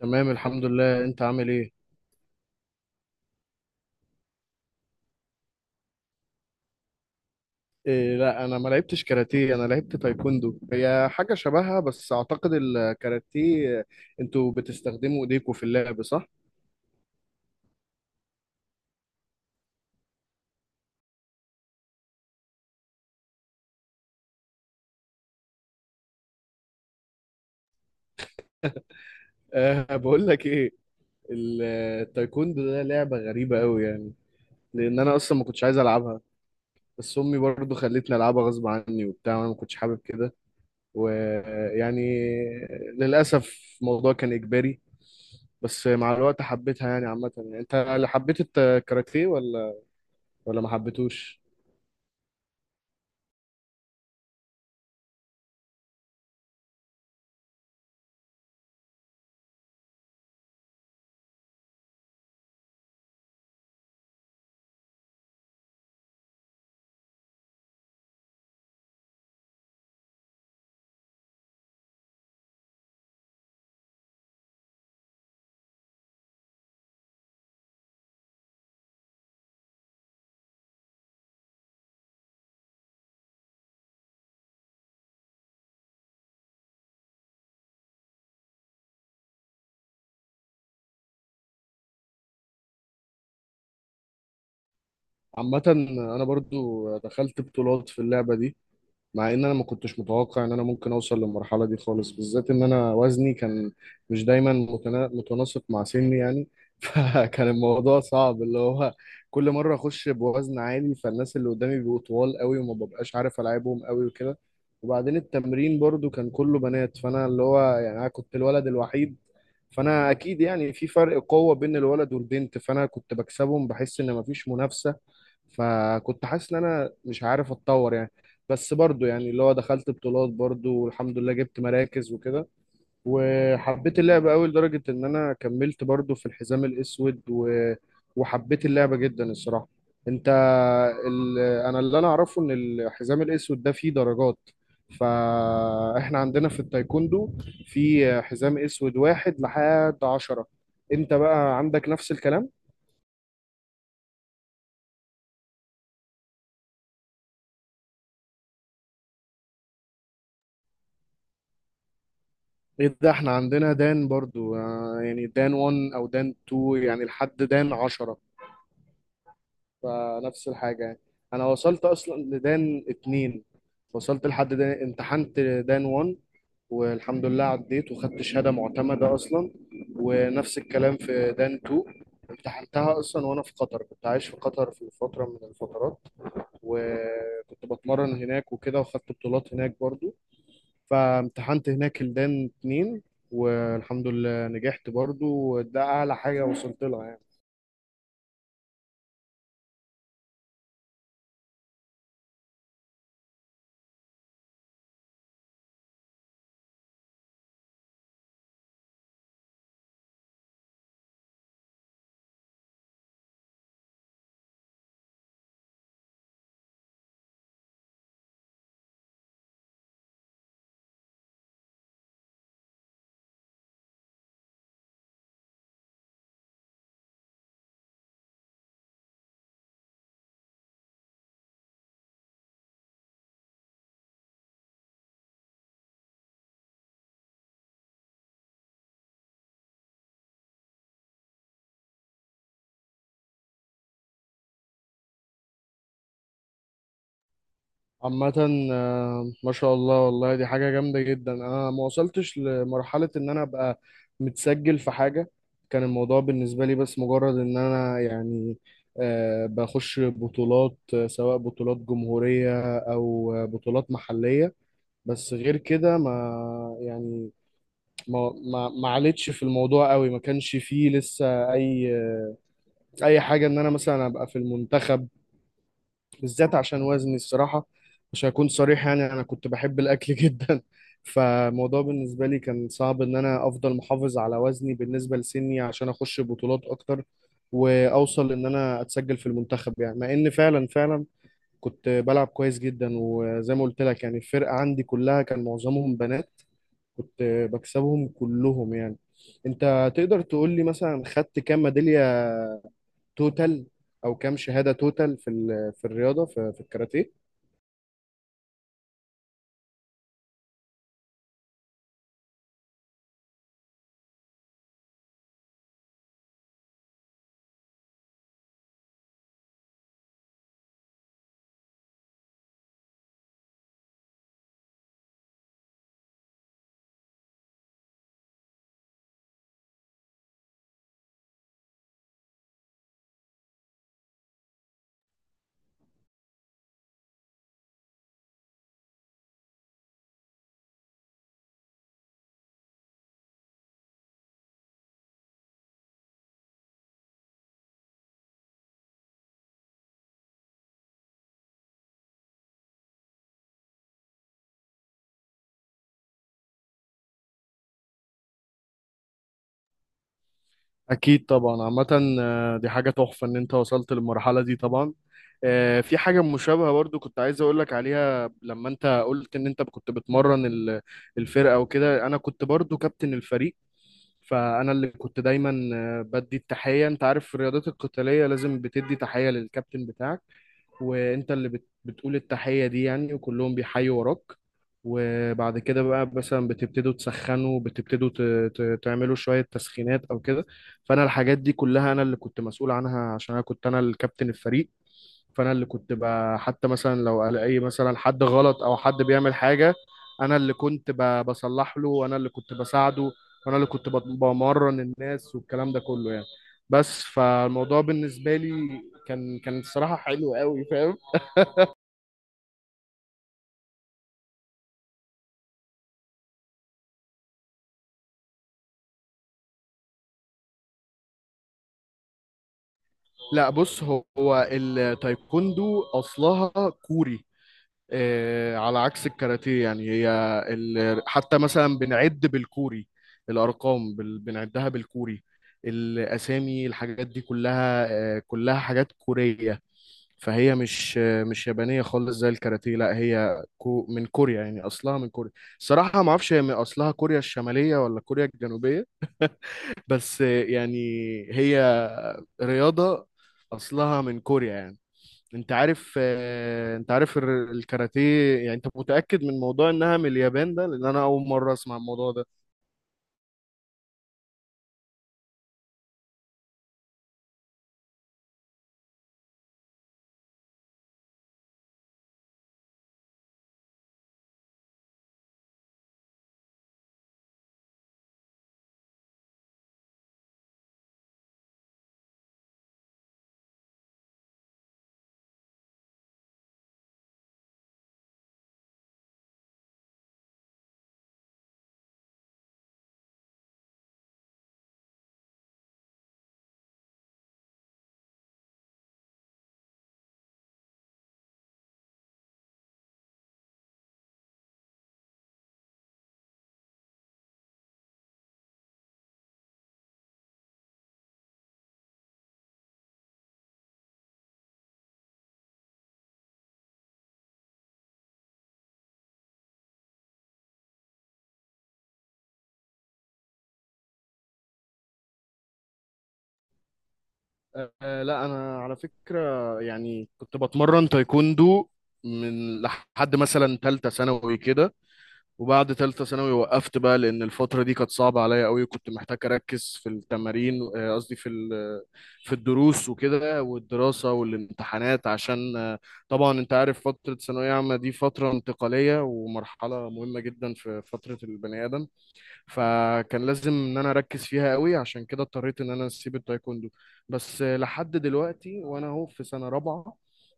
تمام الحمد لله، انت عامل ايه؟ إيه، لا انا ما لعبتش كاراتيه، انا لعبت تايكوندو. هي حاجه شبهها بس اعتقد الكاراتيه انتوا بتستخدموا ايديكوا في اللعب، صح؟ أه، بقول لك ايه. ال- التايكوندو ده لعبه غريبه قوي يعني، لان انا اصلا ما كنتش عايز العبها. بس امي برضو خلتني العبها غصب عني وبتاع، وانا ما كنتش حابب كده، ويعني للاسف الموضوع كان اجباري. بس مع الوقت حبيتها يعني. عامه، يعني انت اللي حبيت الكاراتيه ولا ما حبيتوش؟ عامة، أنا برضو دخلت بطولات في اللعبة دي، مع ان انا ما كنتش متوقع ان انا ممكن اوصل للمرحله دي خالص، بالذات ان انا وزني كان مش دايما متناسق مع سني يعني. فكان الموضوع صعب. اللي هو كل مره اخش بوزن عالي، فالناس اللي قدامي بيبقوا طوال قوي وما ببقاش عارف العبهم قوي وكده. وبعدين التمرين برضو كان كله بنات، فانا اللي هو يعني انا كنت الولد الوحيد. فانا اكيد يعني في فرق قوه بين الولد والبنت، فانا كنت بكسبهم بحس ان مفيش منافسه. فكنت حاسس ان انا مش عارف اتطور يعني. بس برضو يعني اللي هو دخلت بطولات برضو، والحمد لله جبت مراكز وكده. وحبيت اللعبة قوي لدرجة ان انا كملت برضو في الحزام الاسود وحبيت اللعبة جدا الصراحة. انت انا اللي انا اعرفه ان الحزام الاسود ده فيه درجات. فاحنا عندنا في التايكوندو في حزام اسود واحد لحد عشرة. انت بقى عندك نفس الكلام؟ ايه ده، احنا عندنا دان برضو. يعني دان 1 او دان 2 يعني لحد دان 10. فنفس الحاجة يعني. أنا وصلت أصلا لدان اتنين. وصلت لحد دان، امتحنت دان وان والحمد لله عديت وخدت شهادة معتمدة أصلا. ونفس الكلام في دان تو، امتحنتها أصلا وأنا في قطر. كنت عايش في قطر في فترة من الفترات، وكنت بتمرن هناك وكده وخدت بطولات هناك برضو. فامتحنت هناك الدان اتنين والحمد لله نجحت برضو. وده أعلى حاجة وصلت لها يعني. عامة، ما شاء الله، والله دي حاجة جامدة جدا. أنا ما وصلتش لمرحلة إن أنا أبقى متسجل في حاجة. كان الموضوع بالنسبة لي بس مجرد إن أنا يعني بخش بطولات، سواء بطولات جمهورية أو بطولات محلية. بس غير كده، ما يعني ما عليتش في الموضوع قوي. ما كانش فيه لسه أي أي حاجة إن أنا مثلا أبقى في المنتخب، بالذات عشان وزني الصراحة. مش هكون صريح، يعني أنا كنت بحب الأكل جدا. فالموضوع بالنسبة لي كان صعب إن أنا أفضل محافظ على وزني بالنسبة لسني عشان أخش بطولات أكتر وأوصل إن أنا أتسجل في المنتخب يعني. مع إن فعلا فعلا كنت بلعب كويس جدا، وزي ما قلت لك يعني الفرقة عندي كلها كان معظمهم بنات. كنت بكسبهم كلهم يعني. أنت تقدر تقول لي مثلا خدت كام ميدالية توتال أو كام شهادة توتال في في الرياضة في الكاراتيه؟ أكيد طبعا. عامة، دي حاجة تحفة إن أنت وصلت للمرحلة دي طبعا. في حاجة مشابهة برضو كنت عايز أقولك عليها. لما أنت قلت إن أنت كنت بتمرن الفرقة وكده، أنا كنت برضو كابتن الفريق. فأنا اللي كنت دايما بدي التحية. أنت عارف في الرياضات القتالية لازم بتدي تحية للكابتن بتاعك، وانت اللي بتقول التحية دي يعني، وكلهم بيحيوا وراك. وبعد كده بقى مثلا بتبتدوا تسخنوا، بتبتدوا تعملوا شوية تسخينات او كده. فانا الحاجات دي كلها انا اللي كنت مسؤول عنها عشان انا كنت انا الكابتن الفريق. فانا اللي كنت بقى حتى مثلا لو الاقي مثلا حد غلط او حد بيعمل حاجة، انا اللي كنت بصلح له وانا اللي كنت بساعده. وانا اللي كنت بمرن الناس والكلام ده كله يعني. بس فالموضوع بالنسبة لي كان الصراحة حلو قوي، فاهم. لا بص، هو التايكوندو اصلها كوري. على عكس الكاراتيه، يعني هي حتى مثلا بنعد بالكوري، الارقام بنعدها بالكوري، الاسامي، الحاجات دي كلها كلها حاجات كوريه. فهي مش مش يابانيه خالص زي الكاراتيه، لا هي من كوريا يعني، اصلها من كوريا. صراحه ما اعرفش هي من اصلها كوريا الشماليه ولا كوريا الجنوبيه. بس يعني هي رياضه اصلها من كوريا يعني. انت عارف الكاراتيه، يعني انت متأكد من موضوع انها من اليابان ده؟ لان انا اول مرة اسمع الموضوع ده. لا انا على فكرة يعني كنت بتمرن تايكوندو من لحد مثلا تالتة ثانوي كده. وبعد تالتة ثانوي وقفت بقى، لأن الفترة دي كانت صعبة عليا قوي. كنت محتاج أركز في التمارين، قصدي في في الدروس وكده والدراسة والامتحانات، عشان طبعا أنت عارف فترة ثانوية عامة دي فترة انتقالية ومرحلة مهمة جدا في فترة البني آدم. فكان لازم ان انا اركز فيها قوي، عشان كده اضطريت ان انا اسيب التايكوندو. بس لحد دلوقتي وانا اهو في سنة رابعة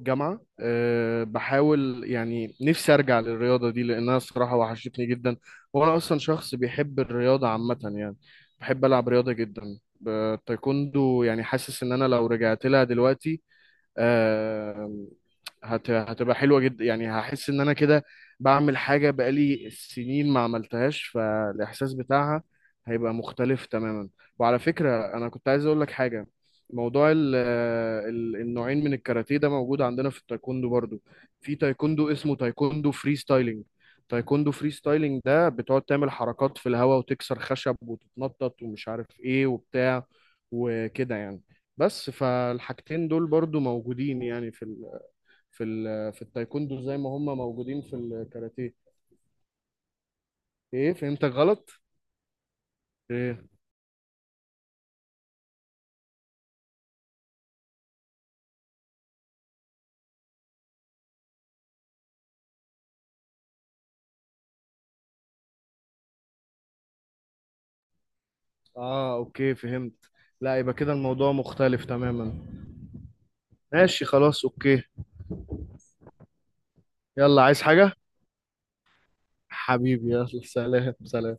جامعة، أه بحاول يعني نفسي أرجع للرياضة دي لأنها الصراحة وحشتني جدا. وأنا أصلا شخص بيحب الرياضة عامة يعني، بحب ألعب رياضة جدا. التايكوندو يعني حاسس إن أنا لو رجعت لها دلوقتي آه، هتبقى حلوة جدا يعني. هحس ان انا كده بعمل حاجة بقالي سنين ما عملتهاش، فالاحساس بتاعها هيبقى مختلف تماما. وعلى فكرة انا كنت عايز اقول لك حاجة. موضوع ال النوعين من الكاراتيه ده موجود عندنا في التايكوندو برضو. في تايكوندو اسمه تايكوندو فري ستايلينج. تايكوندو فري ستايلينج ده بتقعد تعمل حركات في الهواء وتكسر خشب وتتنطط ومش عارف ايه وبتاع وكده يعني. بس فالحاجتين دول برضو موجودين يعني في التايكوندو زي ما هم موجودين في الكاراتيه. ايه، فهمتك غلط؟ ايه. اه اوكي فهمت. لا يبقى كده الموضوع مختلف تماما. ماشي خلاص، اوكي. يلا، عايز حاجة حبيبي؟ يلا، سلام سلام.